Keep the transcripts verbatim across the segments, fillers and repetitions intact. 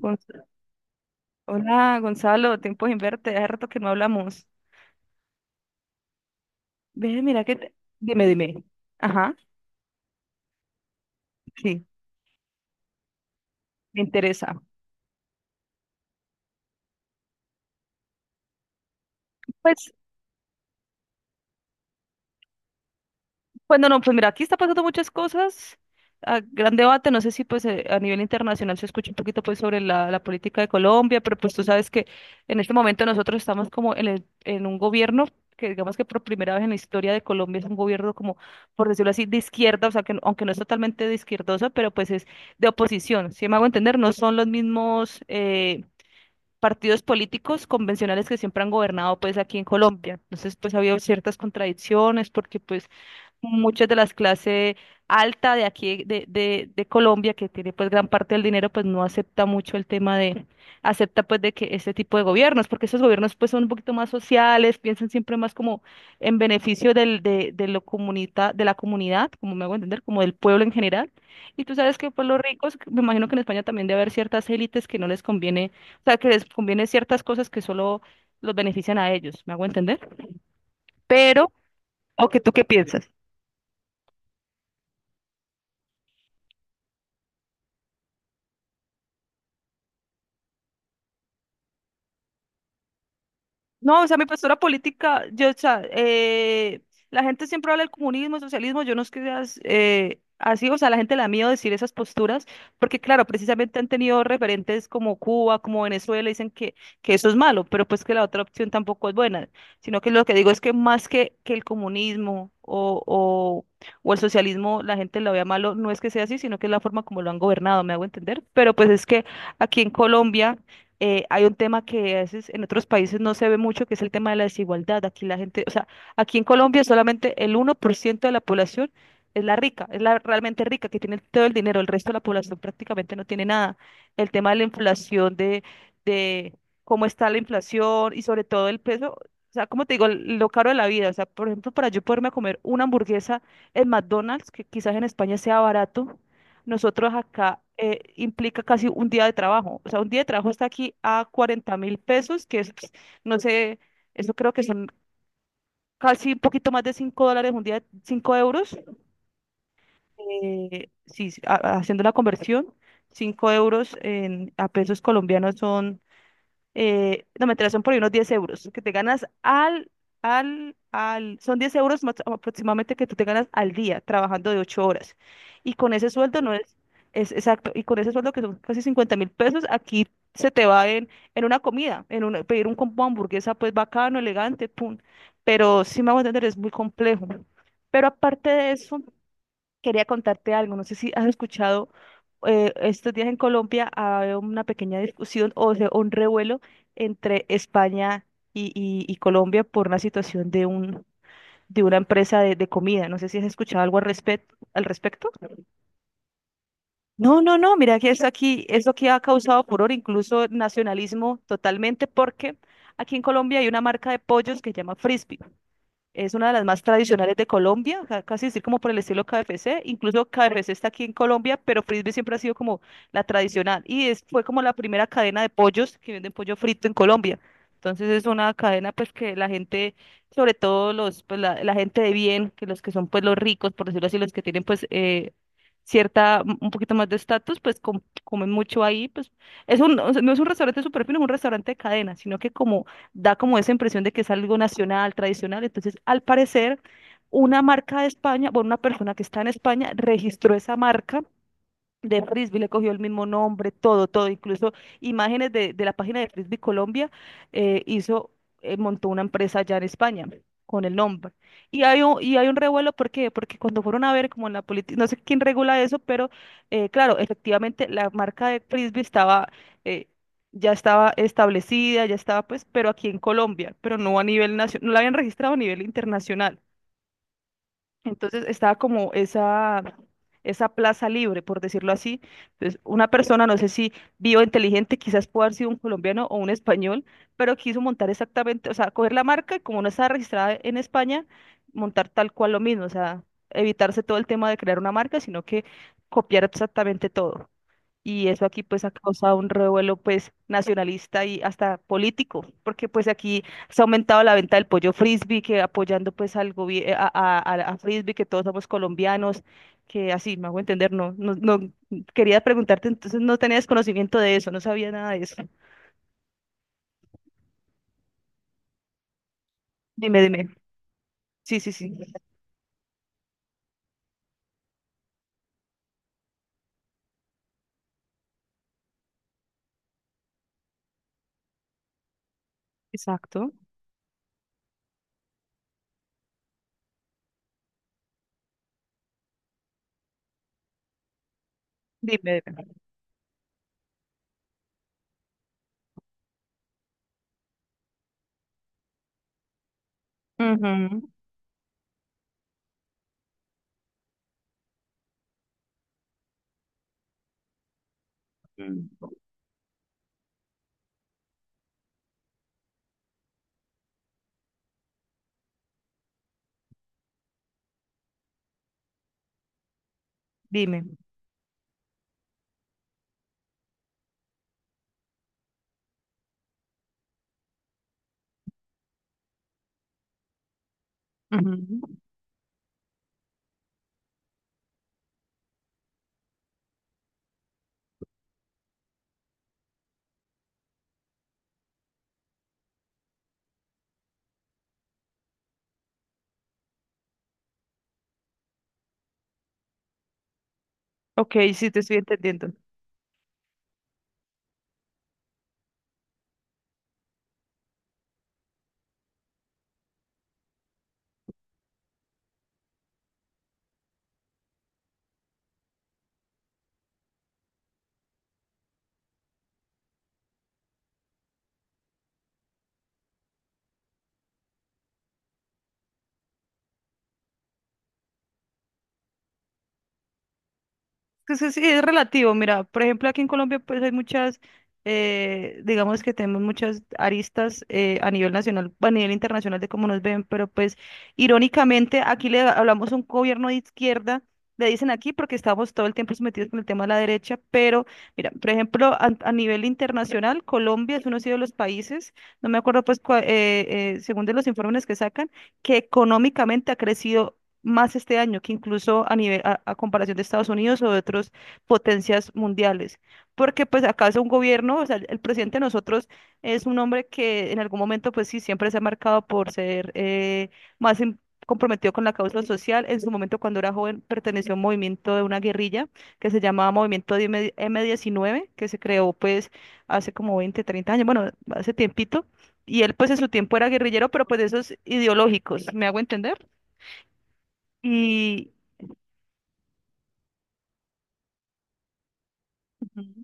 Gon- Hola, Gonzalo, tiempo sin verte, hace rato que no hablamos. Ve, mira que te- Dime, dime. Ajá, sí, me interesa. Pues Bueno, no, pues mira, aquí está pasando muchas cosas. Ah, gran debate, no sé si pues eh, a nivel internacional se escucha un poquito pues sobre la, la política de Colombia, pero pues tú sabes que en este momento nosotros estamos como en, el- en un gobierno que digamos que por primera vez en la historia de Colombia es un gobierno como, por decirlo así, de izquierda, o sea, que no, aunque no es totalmente de izquierdosa, pero pues es de oposición, si me hago entender, no son los mismos eh, partidos políticos convencionales que siempre han gobernado pues aquí en Colombia. Entonces pues ha habido ciertas contradicciones porque pues muchas de las clases alta de aquí de, de, de Colombia, que tiene pues gran parte del dinero, pues no acepta mucho el tema de, acepta pues de que este tipo de gobiernos, porque esos gobiernos pues son un poquito más sociales, piensan siempre más como en beneficio del, de, de lo comunita, de la comunidad, como me hago entender, como del pueblo en general. Y tú sabes que pues los ricos, me imagino que en España también debe haber ciertas élites que no les conviene, o sea, que les conviene ciertas cosas que solo los benefician a ellos, ¿me hago entender? Pero, ¿o que tú qué piensas? No, o sea, mi postura política, yo, o sea, eh, la gente siempre habla del comunismo, socialismo, yo no es que seas eh, así, o sea, la gente le da miedo decir esas posturas, porque claro, precisamente han tenido referentes como Cuba, como Venezuela, dicen que, que eso es malo, pero pues que la otra opción tampoco es buena, sino que lo que digo es que más que, que el comunismo o, o, o el socialismo, la gente lo vea malo, no es que sea así, sino que es la forma como lo han gobernado, me hago entender, pero pues es que aquí en Colombia eh, hay un tema que a veces en otros países no se ve mucho, que es el tema de la desigualdad. Aquí la gente, o sea, aquí en Colombia solamente el uno por ciento de la población es la rica, es la realmente rica, que tiene todo el dinero, el resto de la población prácticamente no tiene nada. El tema de la inflación, de, de cómo está la inflación y sobre todo el peso, o sea, como te digo, el- lo caro de la vida. O sea, por ejemplo, para yo poderme comer una hamburguesa en McDonald's, que quizás en España sea barato, nosotros acá eh, implica casi un día de trabajo. O sea, un día de trabajo está aquí a cuarenta mil pesos, que es, no sé, eso creo que son casi un poquito más de cinco dólares, un día cinco euros. Eh, sí, sí, ha- haciendo la conversión, cinco euros en, a pesos colombianos son eh, no, mentira, son por ahí unos diez euros que te ganas al, al, al, son diez euros más aproximadamente que tú te ganas al día trabajando de ocho horas. Y con ese sueldo no es, es exacto, y con ese sueldo que son casi cincuenta mil pesos, aquí se te va en, en una comida, en una- pedir un combo de hamburguesa, pues bacano, elegante, pum. Pero sí me voy a entender, es muy complejo. Pero aparte de eso, quería contarte algo, no sé si has escuchado eh, estos días en Colombia hay una pequeña discusión o sea, un revuelo entre España y, y- y Colombia por una situación de un de una empresa de, de comida. No sé si has escuchado algo al respecto, al respecto. No, no, no, mira que eso aquí es lo que ha causado furor, incluso nacionalismo totalmente, porque aquí en Colombia hay una marca de pollos que se llama Frisby. Es una de las más tradicionales de Colombia, ca- casi decir como por el estilo K F C. Incluso K F C está aquí en Colombia, pero Frisbee siempre ha sido como la tradicional. Y es, fue como la primera cadena de pollos que venden pollo frito en Colombia. Entonces es una cadena pues que la gente, sobre todo los, pues, la, la gente de bien, que los que son pues los ricos, por decirlo así, los que tienen pues eh, cierta, un un poquito más de estatus, pues com- comen mucho ahí. Pues es un, o sea, no es un restaurante súper fino, es un restaurante de cadena, sino que como da como esa impresión de que es algo nacional, tradicional. Entonces, al parecer, una marca de España, bueno, una persona que está en España registró esa marca de Frisbee, le cogió el mismo nombre, todo, todo, incluso imágenes de, de la página de Frisbee Colombia, eh, hizo, eh, montó una empresa allá en España con el nombre. Y hay un, y hay un revuelo, ¿por qué? Porque cuando fueron a ver, como en la política, no sé quién regula eso, pero eh, claro, efectivamente la marca de Frisbee estaba, eh, ya estaba establecida, ya estaba pues, pero aquí en Colombia, pero no a nivel nacional, no la habían registrado a nivel internacional. Entonces estaba como esa, esa plaza libre, por decirlo así. Entonces, una persona, no sé si vivo inteligente, quizás puede haber sido un colombiano o un español, pero quiso montar exactamente, o sea, coger la marca y como no está registrada en España, montar tal cual lo mismo, o sea, evitarse todo el tema de crear una marca, sino que copiar exactamente todo. Y eso aquí pues ha causado un revuelo pues nacionalista y hasta político, porque pues aquí se ha aumentado la venta del pollo frisbee, que apoyando pues al gobierno, a, a, a- a frisbee, que todos somos colombianos, que así, me hago entender, no, no, no, quería preguntarte, entonces no tenías conocimiento de eso, no sabía nada de eso. Dime, dime. Sí, sí, sí. Exacto. Dime, dime. Ujú. Dime. Ujú. Ok, sí, te estoy entendiendo. Pues sí es relativo, mira, por ejemplo, aquí en Colombia pues hay muchas, eh, digamos que tenemos muchas aristas eh, a nivel nacional, a nivel internacional de cómo nos ven, pero pues irónicamente aquí le hablamos a un gobierno de izquierda, le dicen aquí porque estamos todo el tiempo sometidos con el tema de la derecha, pero mira, por ejemplo, a, a nivel internacional, Colombia es uno de los países, no me acuerdo pues cua- eh, eh, según de los informes que sacan, que económicamente ha crecido más este año que incluso a nivel a, a comparación de Estados Unidos o de otras potencias mundiales. Porque pues acá es un gobierno, o sea, el, el presidente de nosotros es un hombre que en algún momento pues sí, siempre se ha marcado por ser eh, más in- comprometido con la causa social. En su momento cuando era joven perteneció a un movimiento de una guerrilla que se llamaba Movimiento de M- M19, que se creó pues hace como veinte, treinta años, bueno, hace tiempito. Y él pues en su tiempo era guerrillero, pero pues de esos ideológicos, ¿me hago entender? Y, ujú.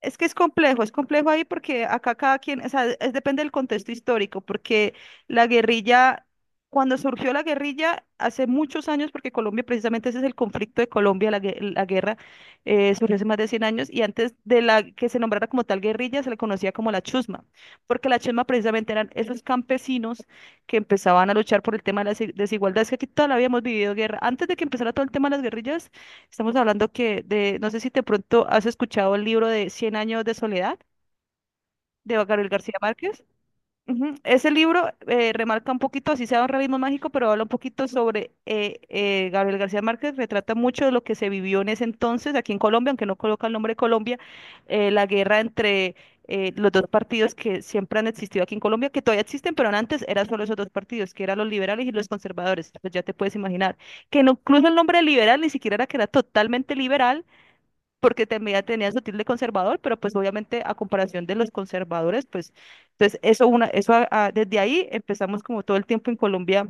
Es que es complejo, es complejo ahí porque acá cada quien, o sea, es, depende del contexto histórico, porque la guerrilla, cuando surgió la guerrilla hace muchos años, porque Colombia, precisamente ese es el conflicto de Colombia, la, gue- la guerra eh, surgió hace más de cien años, y antes de la que se nombrara como tal guerrilla, se le conocía como la chusma, porque la chusma precisamente eran esos campesinos que empezaban a luchar por el tema de las desigualdades, que aquí todavía habíamos vivido guerra. Antes de que empezara todo el tema de las guerrillas, estamos hablando que de, no sé si de pronto has escuchado el libro de Cien años de soledad de Gabriel García Márquez. Ujú. Ese libro eh, remarca un poquito, así sea un realismo mágico, pero habla un poquito sobre eh, eh, Gabriel García Márquez, retrata mucho de lo que se vivió en ese entonces aquí en Colombia, aunque no coloca el nombre de Colombia, eh, la guerra entre eh, los dos partidos que siempre han existido aquí en Colombia, que todavía existen, pero antes eran solo esos dos partidos, que eran los liberales y los conservadores, pues ya te puedes imaginar, que no- incluso el nombre liberal ni siquiera era que era totalmente liberal porque también tenía su tilde conservador, pero pues obviamente a comparación de los conservadores, pues entonces eso una, eso a- a- desde ahí empezamos como todo el tiempo en Colombia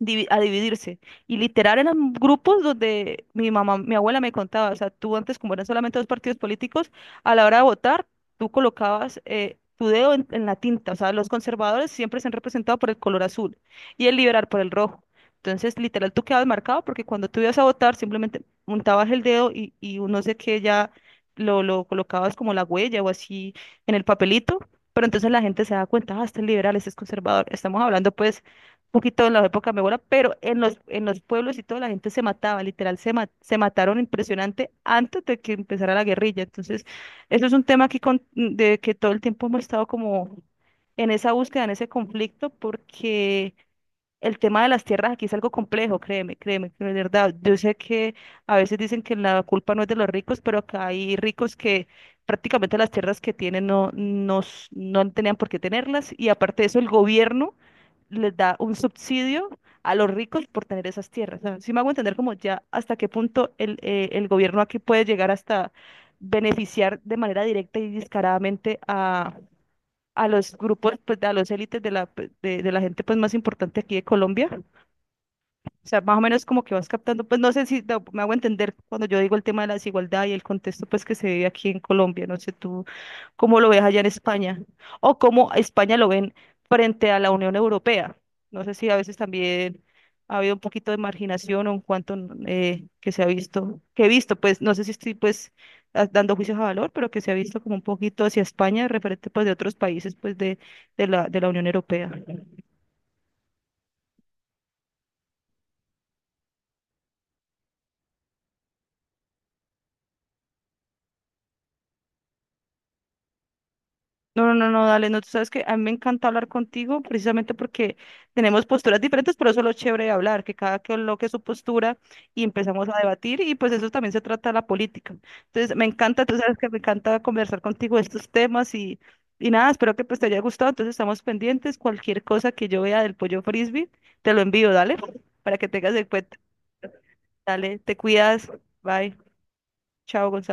divi- a dividirse. Y literal eran grupos donde mi mamá, mi abuela me contaba, o sea, tú antes como eran solamente dos partidos políticos, a la hora de votar, tú colocabas eh, tu dedo en, en la tinta, o sea, los conservadores siempre se han representado por el color azul y el liberal por el rojo. Entonces, literal, tú quedabas marcado porque cuando tú ibas a votar, simplemente montabas el dedo y, y un no sé qué ya lo, lo colocabas como la huella o así en el papelito. Pero entonces la gente se da cuenta, ah, este es liberal, este es conservador. Estamos hablando pues poquito en la época de mi abuela, pero en los, en los pueblos y toda la gente se mataba, literal, se, ma- se mataron impresionante antes de que empezara la guerrilla. Entonces, eso es un tema que, con- de que todo el tiempo hemos estado como en esa búsqueda, en ese conflicto, porque el tema de las tierras aquí es algo complejo, créeme, créeme, de verdad. Yo sé que a veces dicen que la culpa no es de los ricos, pero acá hay ricos que prácticamente las tierras que tienen no, no, s- no tenían por qué tenerlas y aparte de eso, el gobierno les da un subsidio a los ricos por tener esas tierras. Si me hago entender como ya hasta qué punto el, eh, el gobierno aquí puede llegar hasta beneficiar de manera directa y descaradamente a, a los grupos, pues, a los élites de la, pe- de, de la gente pues, más importante aquí de Colombia, o sea, más o menos como que vas captando, pues no sé si da- me hago entender cuando yo digo el tema de la desigualdad y el contexto pues que se vive aquí en Colombia, no sé tú cómo lo ves allá en España o cómo a España lo ven frente a la Unión Europea. No sé si a veces también ha habido un poquito de marginación o en cuanto eh, que se ha visto, que he visto, pues no sé si estoy pues a- dando juicios a valor, pero que se ha visto como un poquito hacia España referente pues de otros países pues de, de la, de la Unión Europea. No, no, no, no, dale, no, tú sabes que a mí me encanta hablar contigo precisamente porque tenemos posturas diferentes, pero eso es lo chévere de hablar, que cada que coloque su postura y empezamos a debatir y pues eso también se trata de la política. Entonces, me encanta, tú sabes que me encanta conversar contigo de estos temas y, y nada, espero que pues te haya gustado, entonces estamos pendientes, cualquier cosa que yo vea del pollo frisbee, te lo envío, dale, para que tengas en cuenta. Dale, te cuidas, bye, chao, Gonzalo.